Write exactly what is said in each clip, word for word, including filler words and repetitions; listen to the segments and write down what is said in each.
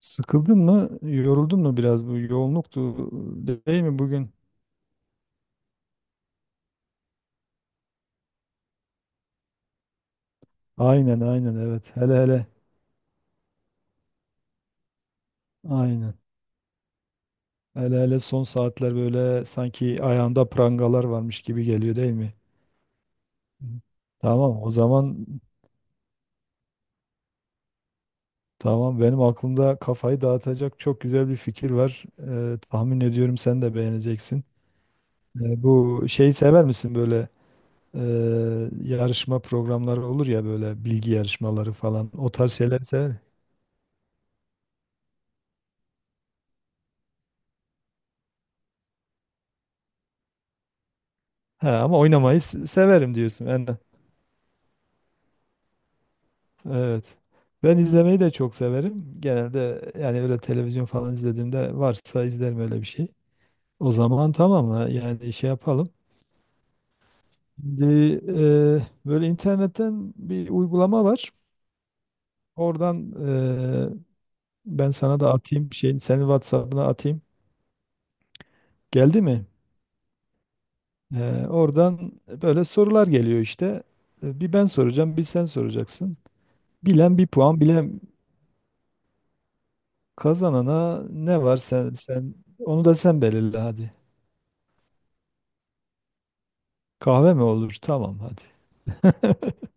Sıkıldın mı? Yoruldun mu biraz? Bu yoğunluktu değil mi bugün? Aynen aynen evet. Hele hele aynen. Hele hele son saatler böyle sanki ayağında prangalar varmış gibi geliyor değil mi? Hı. Tamam o zaman, tamam, benim aklımda kafayı dağıtacak çok güzel bir fikir var. Ee, tahmin ediyorum sen de beğeneceksin. Ee, bu şeyi sever misin böyle e, yarışma programları olur ya böyle bilgi yarışmaları falan o tarz şeyleri sever. Ha, ama oynamayı s- severim diyorsun. Yani, evet. Ben izlemeyi de çok severim. Genelde yani öyle televizyon falan izlediğimde varsa izlerim öyle bir şey. O zaman tamam ha, yani şey yapalım. Şimdi e, böyle internetten bir uygulama var. Oradan e, ben sana da atayım, şeyin, senin WhatsApp'ına atayım. Geldi mi? E, oradan böyle sorular geliyor işte. E, Bir ben soracağım, bir sen soracaksın. Bilen bir puan, bilen. Kazanana ne var, sen sen onu da sen belirle hadi. Kahve mi olur? Tamam hadi.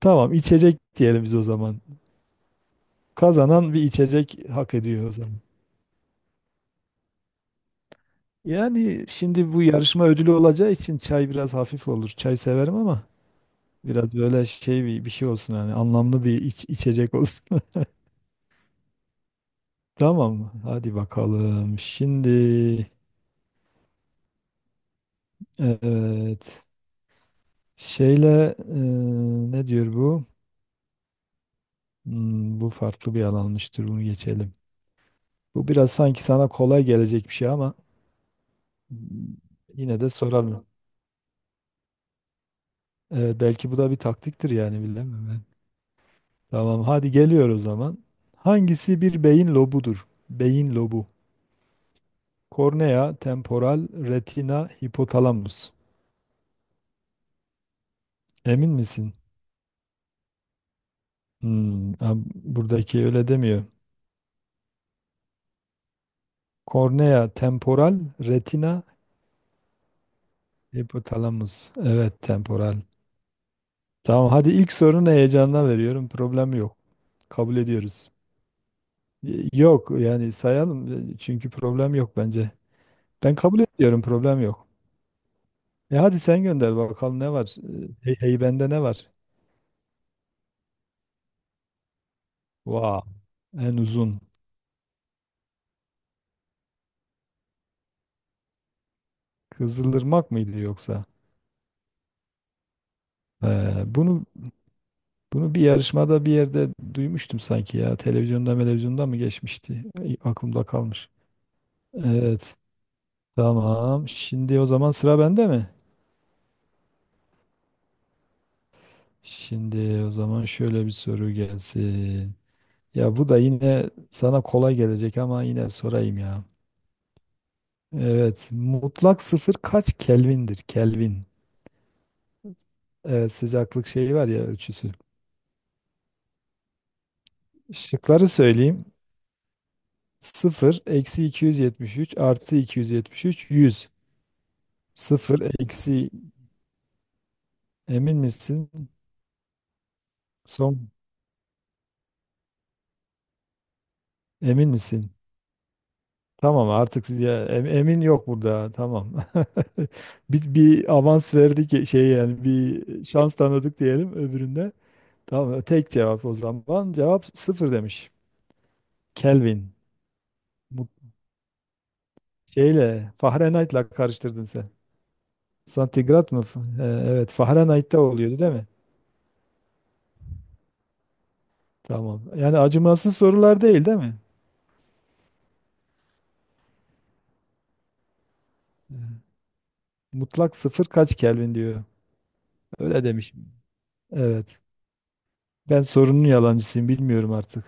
Tamam, içecek diyelim biz o zaman. Kazanan bir içecek hak ediyor o zaman. Yani şimdi bu yarışma ödülü olacağı için çay biraz hafif olur. Çay severim ama biraz böyle şey, bir, bir şey olsun, yani anlamlı bir iç- içecek olsun. Tamam mı? Hadi bakalım. Şimdi, evet. Şeyle e, ne diyor bu? Hmm, bu farklı bir alanmıştır. Bunu geçelim. Bu biraz sanki sana kolay gelecek bir şey, ama yine de soralım. Ee, belki bu da bir taktiktir, yani bilemem ben. Tamam, hadi geliyor o zaman. Hangisi bir beyin lobudur? Beyin lobu. Kornea, temporal, retina, hipotalamus. Emin misin? Hmm, ha, buradaki öyle demiyor. Kornea, temporal, retina, hipotalamus. Evet, temporal. Tamam, hadi ilk sorunu heyecanla veriyorum. Problem yok. Kabul ediyoruz. Yok, yani sayalım, e, çünkü problem yok bence. Ben kabul ediyorum, problem yok. E hadi sen gönder bakalım, ne var? E, Hey, hey, bende ne var? Vaa En uzun. Kızılırmak mıydı yoksa? Ee, bunu bunu bir yarışmada bir yerde duymuştum sanki ya. Televizyonda, televizyonda mı geçmişti? Ay, aklımda kalmış. Evet, tamam. Şimdi o zaman sıra bende mi? Şimdi o zaman şöyle bir soru gelsin. Ya bu da yine sana kolay gelecek ama yine sorayım ya. Evet. Mutlak sıfır kaç Kelvin'dir? Kelvin. Evet, sıcaklık şeyi var ya, ölçüsü. Şıkları söyleyeyim. Sıfır, eksi iki yüz yetmiş üç, artı iki yüz yetmiş üç yüz. Sıfır, eksi, emin misin? Son, emin misin? Tamam artık ya, em- emin yok burada. Tamam. bir, bir avans verdik, şey yani bir şans tanıdık diyelim öbüründe. Tamam, tek cevap o zaman. Cevap sıfır demiş. Kelvin. Şeyle, Fahrenheit'la karıştırdın sen. Santigrat mı? F- e, Evet, Fahrenheit'te oluyordu değil mi? Tamam. Yani acımasız sorular değil, değil mi? Mutlak sıfır kaç Kelvin diyor. Öyle demiş. Evet. Ben sorunun yalancısıyım, bilmiyorum artık.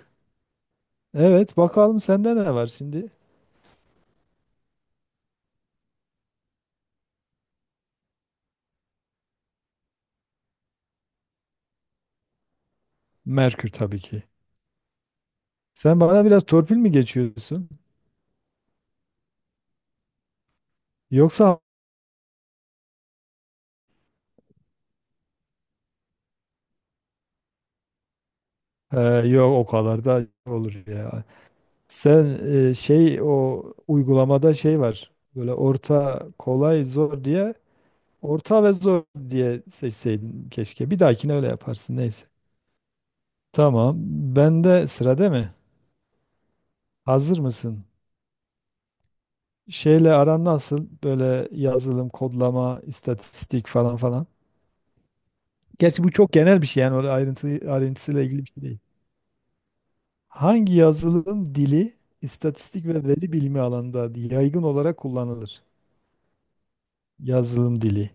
Evet, bakalım sende ne var şimdi? Merkür tabii ki. Sen bana biraz torpil mi geçiyorsun? Yoksa... Ee, yok, o kadar da olur ya. Sen e, şey, o uygulamada şey var. Böyle orta, kolay, zor diye... Orta ve zor diye seçseydin keşke. Bir dahakine öyle yaparsın neyse. Tamam. Bende sıra değil mi? Hazır mısın? Şeyle aran nasıl? Böyle yazılım, kodlama, istatistik falan falan. Gerçi bu çok genel bir şey, yani öyle ayrıntı, ayrıntısıyla ilgili bir şey değil. Hangi yazılım dili istatistik ve veri bilimi alanında yaygın olarak kullanılır? Yazılım dili.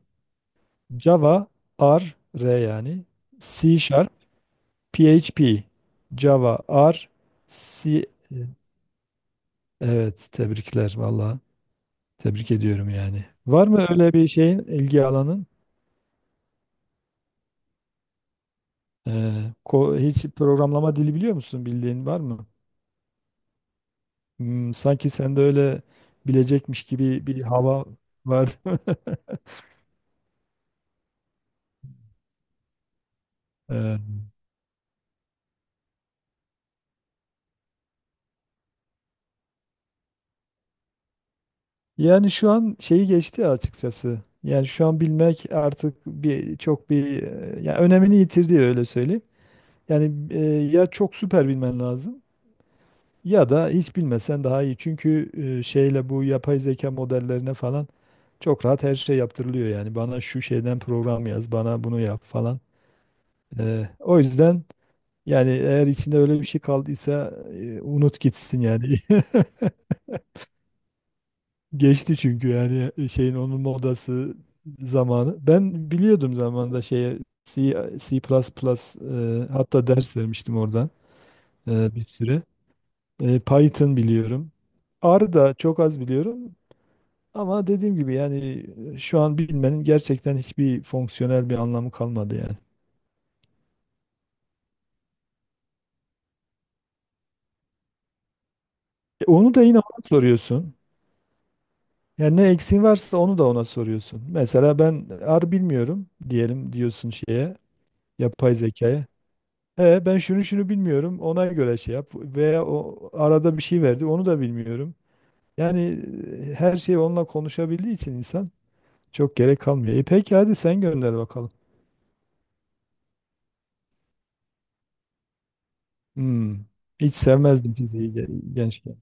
Java, R, R yani. C Sharp, P H P. Java, R, C. Evet, tebrikler valla. Tebrik ediyorum yani. Var mı öyle bir şeyin, ilgi alanın? Ee, ko- hiç programlama dili biliyor musun? Bildiğin var mı? Hmm, sanki sende öyle bilecekmiş gibi bir hava vardı. Ee, yani şu an şeyi geçti açıkçası. Yani şu an bilmek artık bir çok bir e, yani önemini yitirdi, öyle söyleyeyim. Yani e, ya çok süper bilmen lazım, ya da hiç bilmesen daha iyi. Çünkü e, şeyle bu yapay zeka modellerine falan... Çok rahat her şey yaptırılıyor yani. Bana şu şeyden program yaz, bana bunu yap falan. Ee, o yüzden yani eğer içinde öyle bir şey kaldıysa, e, unut gitsin yani. Geçti çünkü yani, e, şeyin, onun modası zamanı. Ben biliyordum zamanında şeye, C, C++, e, hatta ders vermiştim oradan e, bir süre. E, Python biliyorum. R da çok az biliyorum. Ama dediğim gibi yani, e, şu an bilmenin gerçekten hiçbir fonksiyonel bir anlamı kalmadı yani. E, Onu da yine ona soruyorsun. Yani ne eksiğin varsa onu da ona soruyorsun. Mesela ben ar bilmiyorum diyelim, diyorsun şeye, yapay zekaya. E ben şunu şunu bilmiyorum, ona göre şey yap. Veya o arada bir şey verdi, onu da bilmiyorum. Yani e, her şeyi onunla konuşabildiği için insan, çok gerek kalmıyor. E peki hadi sen gönder bakalım. Hmm. Hiç sevmezdim fiziği ge- gençken.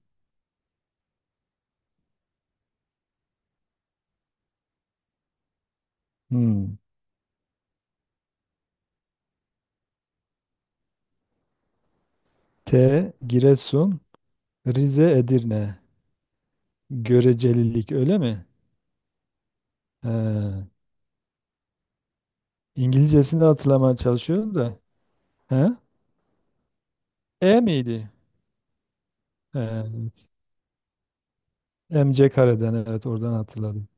Hmm. T. Giresun, Rize, Edirne. Görecelilik öyle mi? He. İngilizcesini de hatırlamaya çalışıyorum da. He? E miydi? Evet. M C kareden, evet, oradan hatırladım.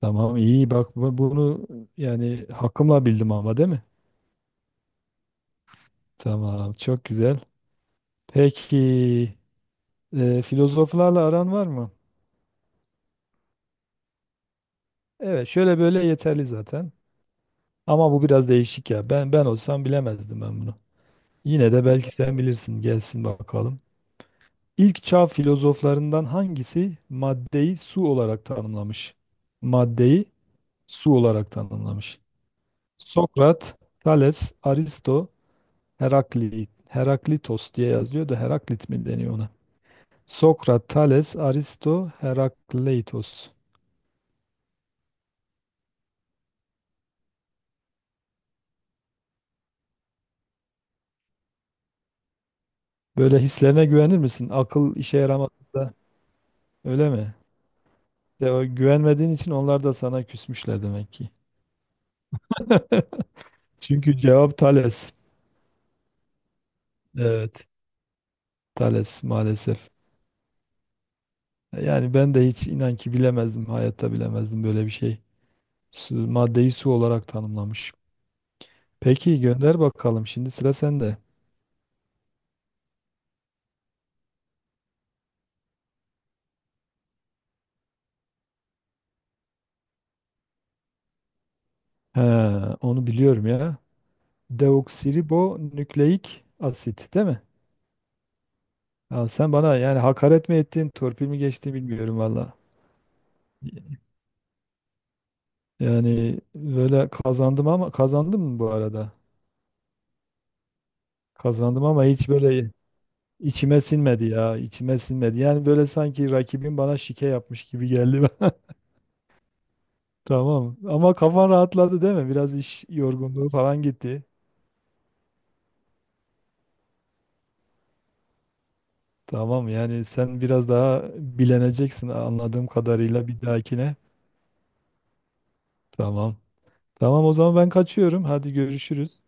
Tamam, iyi bak, bu- bunu yani hakkımla bildim ama, değil mi? Tamam, çok güzel. Peki e, filozoflarla aran var mı? Evet, şöyle böyle yeterli zaten. Ama bu biraz değişik ya. Ben ben olsam bilemezdim ben bunu. Yine de belki sen bilirsin. Gelsin bakalım. İlk çağ filozoflarından hangisi maddeyi su olarak tanımlamış? Maddeyi su olarak tanımlamış. Sokrat, Thales, Aristo, Heraklit. Heraklitos diye yazılıyor da Heraklit mi deniyor ona? Sokrat, Thales, Aristo, Herakleitos. Böyle hislerine güvenir misin? Akıl işe yaramadığında öyle mi? De, o güvenmediğin için onlar da sana küsmüşler demek ki. Çünkü cevap Thales. Evet, Thales maalesef. Yani ben de hiç, inan ki bilemezdim, hayatta bilemezdim böyle bir şey. Su, maddeyi su olarak tanımlamış. Peki gönder bakalım. Şimdi sıra sende. He, onu biliyorum ya. Deoksiribonükleik asit değil mi? Ya sen bana yani hakaret mi ettin, torpil mi geçti bilmiyorum valla. Yani böyle kazandım, ama kazandım mı bu arada? Kazandım ama hiç böyle içime sinmedi ya, içime sinmedi. Yani böyle sanki rakibim bana şike yapmış gibi geldi. Tamam. Ama kafan rahatladı değil mi? Biraz iş yorgunluğu falan gitti. Tamam, yani sen biraz daha bileneceksin anladığım kadarıyla bir dahakine. Tamam. Tamam o zaman ben kaçıyorum. Hadi görüşürüz.